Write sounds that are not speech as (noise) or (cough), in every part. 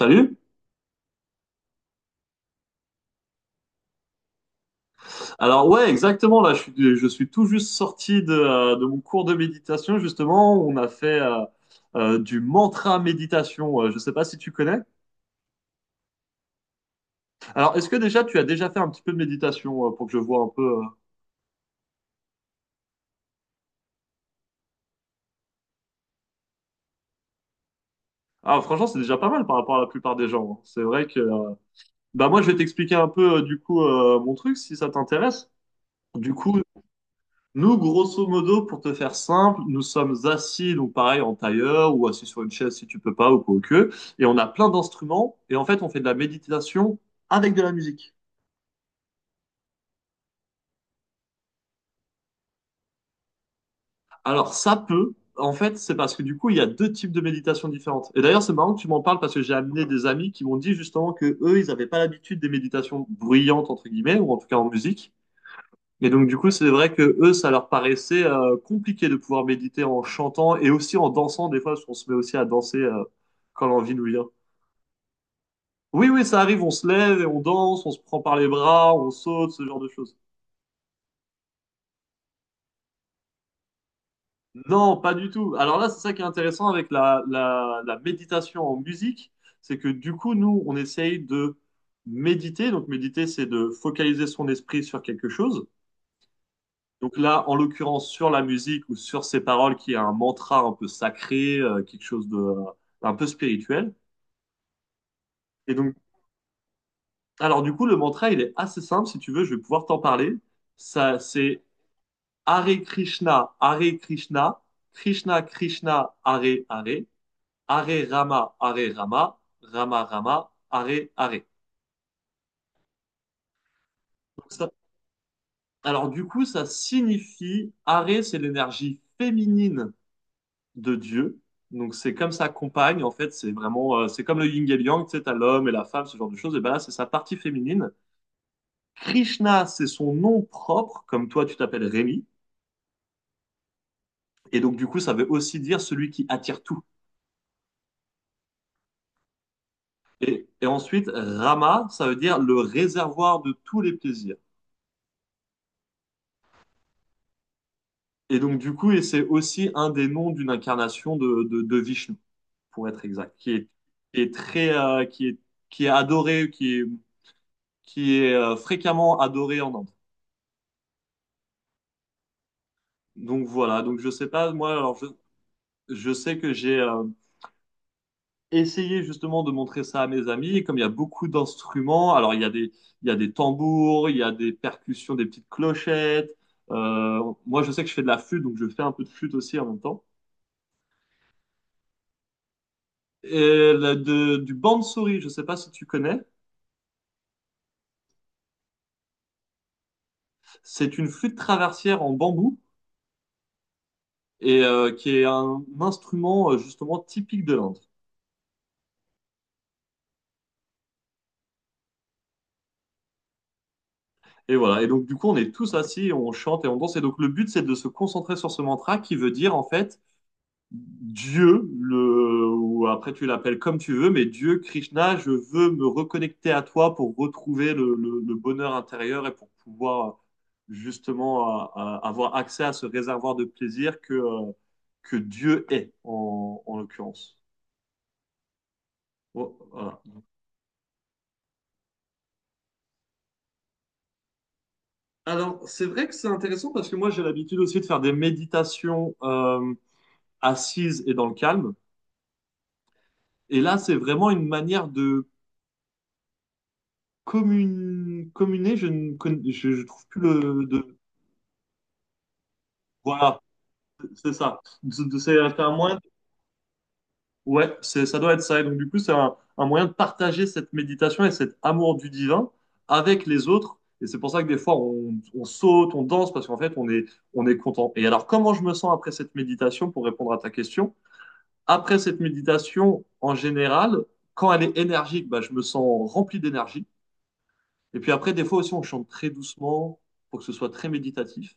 Salut. Alors ouais, exactement. Là, je suis tout juste sorti de mon cours de méditation. Justement, on a fait du mantra méditation. Je ne sais pas si tu connais. Alors, est-ce que déjà tu as déjà fait un petit peu de méditation pour que je vois un peu Ah, franchement, c'est déjà pas mal par rapport à la plupart des gens, hein. C'est vrai que, bah moi, je vais t'expliquer un peu du coup mon truc si ça t'intéresse. Du coup, nous, grosso modo, pour te faire simple, nous sommes assis, donc pareil, en tailleur ou assis sur une chaise si tu peux pas ou quoi que, et on a plein d'instruments, et en fait, on fait de la méditation avec de la musique. Alors, ça peut, en fait, c'est parce que du coup, il y a deux types de méditation différentes. Et d'ailleurs, c'est marrant que tu m'en parles parce que j'ai amené des amis qui m'ont dit justement que eux, ils n'avaient pas l'habitude des méditations bruyantes, entre guillemets, ou en tout cas en musique. Et donc, du coup, c'est vrai que eux, ça leur paraissait compliqué de pouvoir méditer en chantant et aussi en dansant, des fois, parce qu'on se met aussi à danser quand l'envie nous vient. Oui, oui, ça arrive, on se lève et on danse, on se prend par les bras, on saute, ce genre de choses. Non, pas du tout. Alors là, c'est ça qui est intéressant avec la méditation en musique, c'est que du coup, nous, on essaye de méditer. Donc, méditer, c'est de focaliser son esprit sur quelque chose. Donc là, en l'occurrence, sur la musique ou sur ces paroles, qui est un mantra un peu sacré, quelque chose de un peu spirituel. Et donc, alors du coup, le mantra, il est assez simple. Si tu veux, je vais pouvoir t'en parler. Ça, c'est Hare Krishna, Hare Krishna, Krishna Krishna, Hare Hare, Hare Rama, Hare Rama, Rama Rama, Hare Hare. Donc ça- alors du coup, ça signifie, Hare, c'est l'énergie féminine de Dieu. Donc c'est comme sa compagne, en fait, c'est vraiment, c'est comme le yin et le yang, tu sais, t'as l'homme et la femme, ce genre de choses. Et ben là, c'est sa partie féminine. Krishna, c'est son nom propre, comme toi, tu t'appelles Rémi. Et donc du coup, ça veut aussi dire celui qui attire tout. Et ensuite, Rama, ça veut dire le réservoir de tous les plaisirs. Et donc du coup, et c'est aussi un des noms d'une incarnation de Vishnu, pour être exact, qui est, qui est très, qui est adoré, qui est fréquemment adoré en Inde. Donc voilà, donc je sais pas, moi, alors je sais que j'ai essayé justement de montrer ça à mes amis, et comme il y a beaucoup d'instruments, alors il y a des, tambours, il y a des percussions, des petites clochettes, moi je sais que je fais de la flûte, donc je fais un peu de flûte aussi en même temps. Du bansuri, je sais pas si tu connais, c'est une flûte traversière en bambou, et qui est un instrument justement typique de l'Inde. Et voilà. Et donc, du coup, on est tous assis, on chante et on danse. Et donc, le but, c'est de se concentrer sur ce mantra qui veut dire, en fait, Dieu, le, ou après tu l'appelles comme tu veux, mais Dieu, Krishna, je veux me reconnecter à toi pour retrouver le bonheur intérieur et pour pouvoir justement avoir accès à ce réservoir de plaisir que Dieu est, en l'occurrence. Bon, voilà. Alors, c'est vrai que c'est intéressant parce que moi, j'ai l'habitude aussi de faire des méditations assises et dans le calme. Et là, c'est vraiment une manière de communer. Je ne con- je trouve plus le. De, voilà, c'est ça. C'est un moyen. Ouais, c'est, ça doit être ça. Et donc, du coup, c'est un moyen de partager cette méditation et cet amour du divin avec les autres. Et c'est pour ça que des fois, on saute, on danse, parce qu'en fait, on est content. Et alors, comment je me sens après cette méditation, pour répondre à ta question? Après cette méditation, en général, quand elle est énergique, bah, je me sens rempli d'énergie. Et puis après, des fois aussi, on chante très doucement pour que ce soit très méditatif.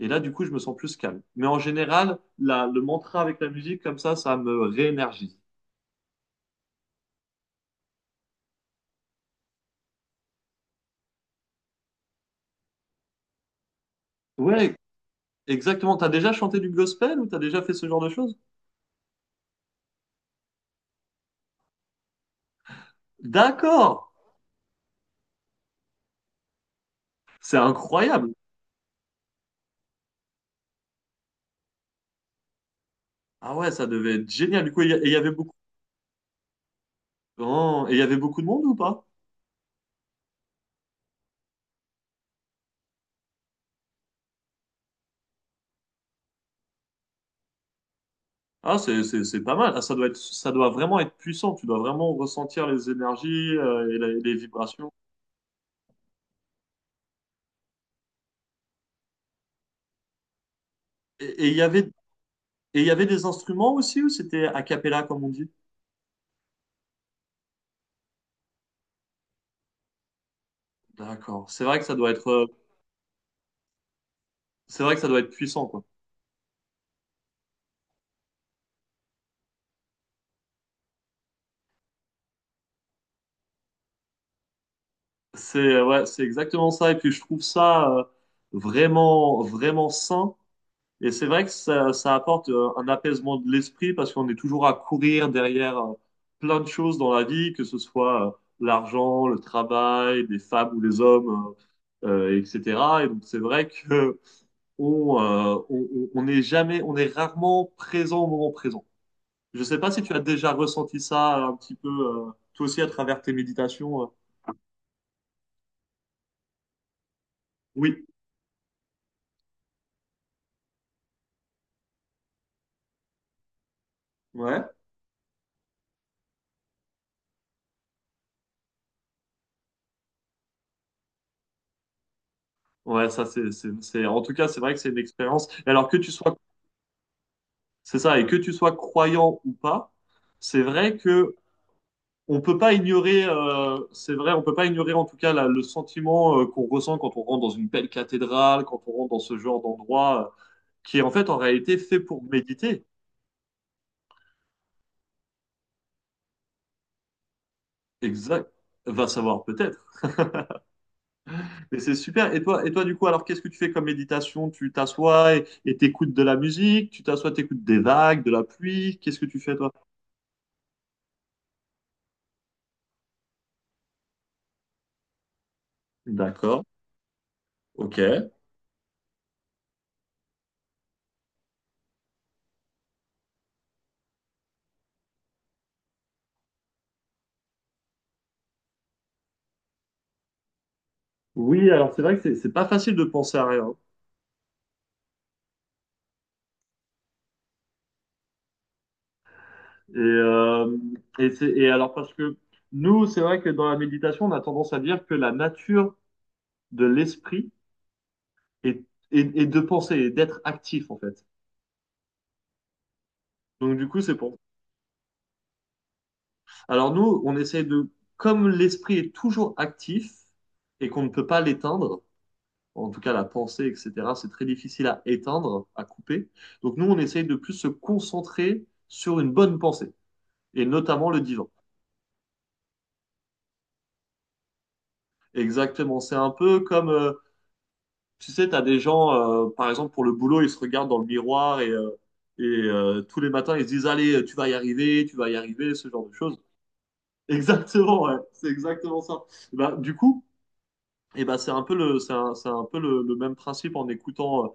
Et là, du coup, je me sens plus calme. Mais en général, le mantra avec la musique, comme ça me réénergise. Ouais, exactement. T'as déjà chanté du gospel ou t'as déjà fait ce genre de choses? D'accord! C'est incroyable! Ah ouais, ça devait être génial. Du coup, et il y avait beaucoup. Oh, et il y avait beaucoup de monde ou pas? Ah, c'est pas mal. Ah, ça doit vraiment être puissant. Tu dois vraiment ressentir les énergies et les vibrations. Et il y avait Et il y avait des instruments aussi ou c'était a cappella comme on dit? D'accord. C'est vrai que ça doit être, c'est vrai que ça doit être puissant quoi. C'est ouais, c'est exactement ça. Et puis je trouve ça vraiment, vraiment sain. Et c'est vrai que ça apporte un apaisement de l'esprit parce qu'on est toujours à courir derrière plein de choses dans la vie, que ce soit l'argent, le travail, les femmes ou les hommes, etc. Et donc c'est vrai que on est jamais, on est rarement présent au moment présent. Je sais pas si tu as déjà ressenti ça un petit peu, toi aussi à travers tes méditations. Oui, ouais. Ouais, ça c'est, en tout cas, c'est vrai que c'est une expérience. Et alors que tu sois, c'est ça, et que tu sois croyant ou pas, c'est vrai que on peut pas ignorer, c'est vrai, on peut pas ignorer en tout cas le sentiment qu'on ressent quand on rentre dans une belle cathédrale, quand on rentre dans ce genre d'endroit qui est en fait en réalité fait pour méditer. Exact. Va savoir peut-être. Mais c'est super. Et toi, du coup, alors qu'est-ce que tu fais comme méditation? Tu t'assois et t'écoutes de la musique, tu t'assois, t'écoutes des vagues, de la pluie. Qu'est-ce que tu fais, toi? D'accord. Ok. Oui, alors c'est vrai que c'est pas facile de penser à rien. Et, euh, et alors parce que nous, c'est vrai que dans la méditation, on a tendance à dire que la nature de l'esprit est, est de penser, et d'être actif en fait. Donc du coup, c'est pour. Alors nous, on essaie de, comme l'esprit est toujours actif et qu'on ne peut pas l'éteindre, en tout cas la pensée, etc. C'est très difficile à éteindre, à couper. Donc nous, on essaye de plus se concentrer sur une bonne pensée, et notamment le divan. Exactement, c'est un peu comme, tu sais, tu as des gens, par exemple, pour le boulot, ils se regardent dans le miroir et tous les matins, ils se disent, allez, tu vas y arriver, tu vas y arriver, ce genre de choses. (laughs) Exactement, ouais, c'est exactement ça. Et bah, du coup, et ben c'est un peu le, c'est un peu le même principe en écoutant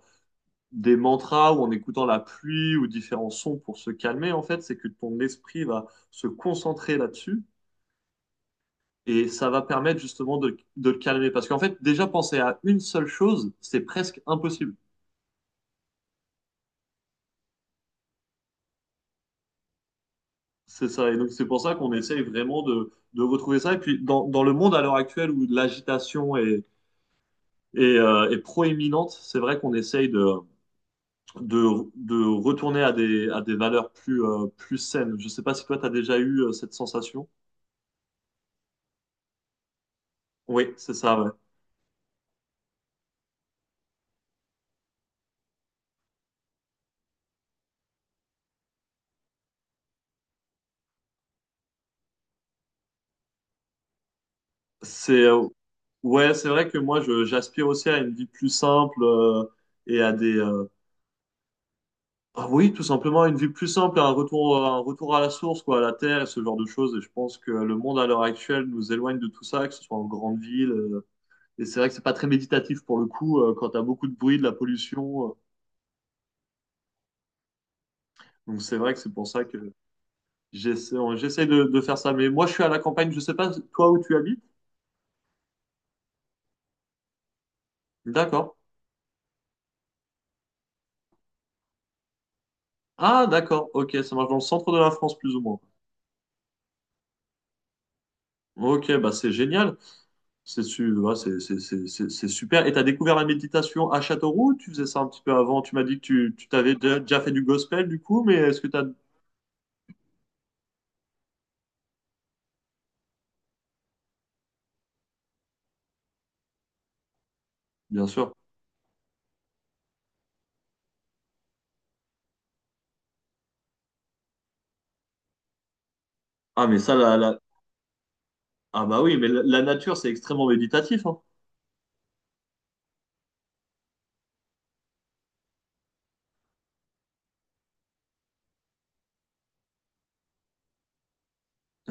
des mantras ou en écoutant la pluie ou différents sons pour se calmer, en fait, c'est que ton esprit va se concentrer là-dessus et ça va permettre justement de le calmer. Parce qu'en fait, déjà penser à une seule chose, c'est presque impossible. C'est ça. Et donc, c'est pour ça qu'on essaye vraiment de retrouver ça. Et puis, dans le monde à l'heure actuelle où l'agitation est proéminente, c'est vrai qu'on essaye de retourner à des, valeurs plus, plus saines. Je sais pas si toi, tu as déjà eu cette sensation. Oui, c'est ça, ouais. C'est ouais, c'est vrai que moi je j'aspire aussi à une vie plus simple et à des ah oui, tout simplement une vie plus simple, à un retour à la source quoi, à la terre et ce genre de choses. Et je pense que le monde à l'heure actuelle nous éloigne de tout ça, que ce soit en grande ville. Et c'est vrai que c'est pas très méditatif pour le coup quand t'as beaucoup de bruit, de la pollution. Donc c'est vrai que c'est pour ça que j'essaie de faire ça. Mais moi je suis à la campagne, je sais pas toi où tu habites. D'accord. Ah d'accord. Ok, ça marche dans le centre de la France plus ou moins. Ok, bah c'est génial. Ouais, c'est super. Et tu as découvert la méditation à Châteauroux? Tu faisais ça un petit peu avant. Tu m'as dit que tu t'avais déjà fait du gospel du coup, mais est-ce que tu as... Bien sûr. Ah, mais ça, Ah bah oui, mais la nature, c'est extrêmement méditatif, hein.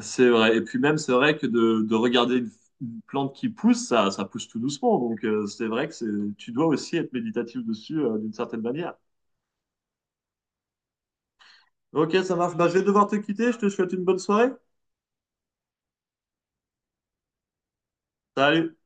C'est vrai. Et puis même, c'est vrai que de regarder une plante qui pousse, ça pousse tout doucement. Donc c'est vrai que c'est, tu dois aussi être méditatif dessus d'une certaine manière. Ok, ça marche. Bah, je vais devoir te quitter. Je te souhaite une bonne soirée. Salut.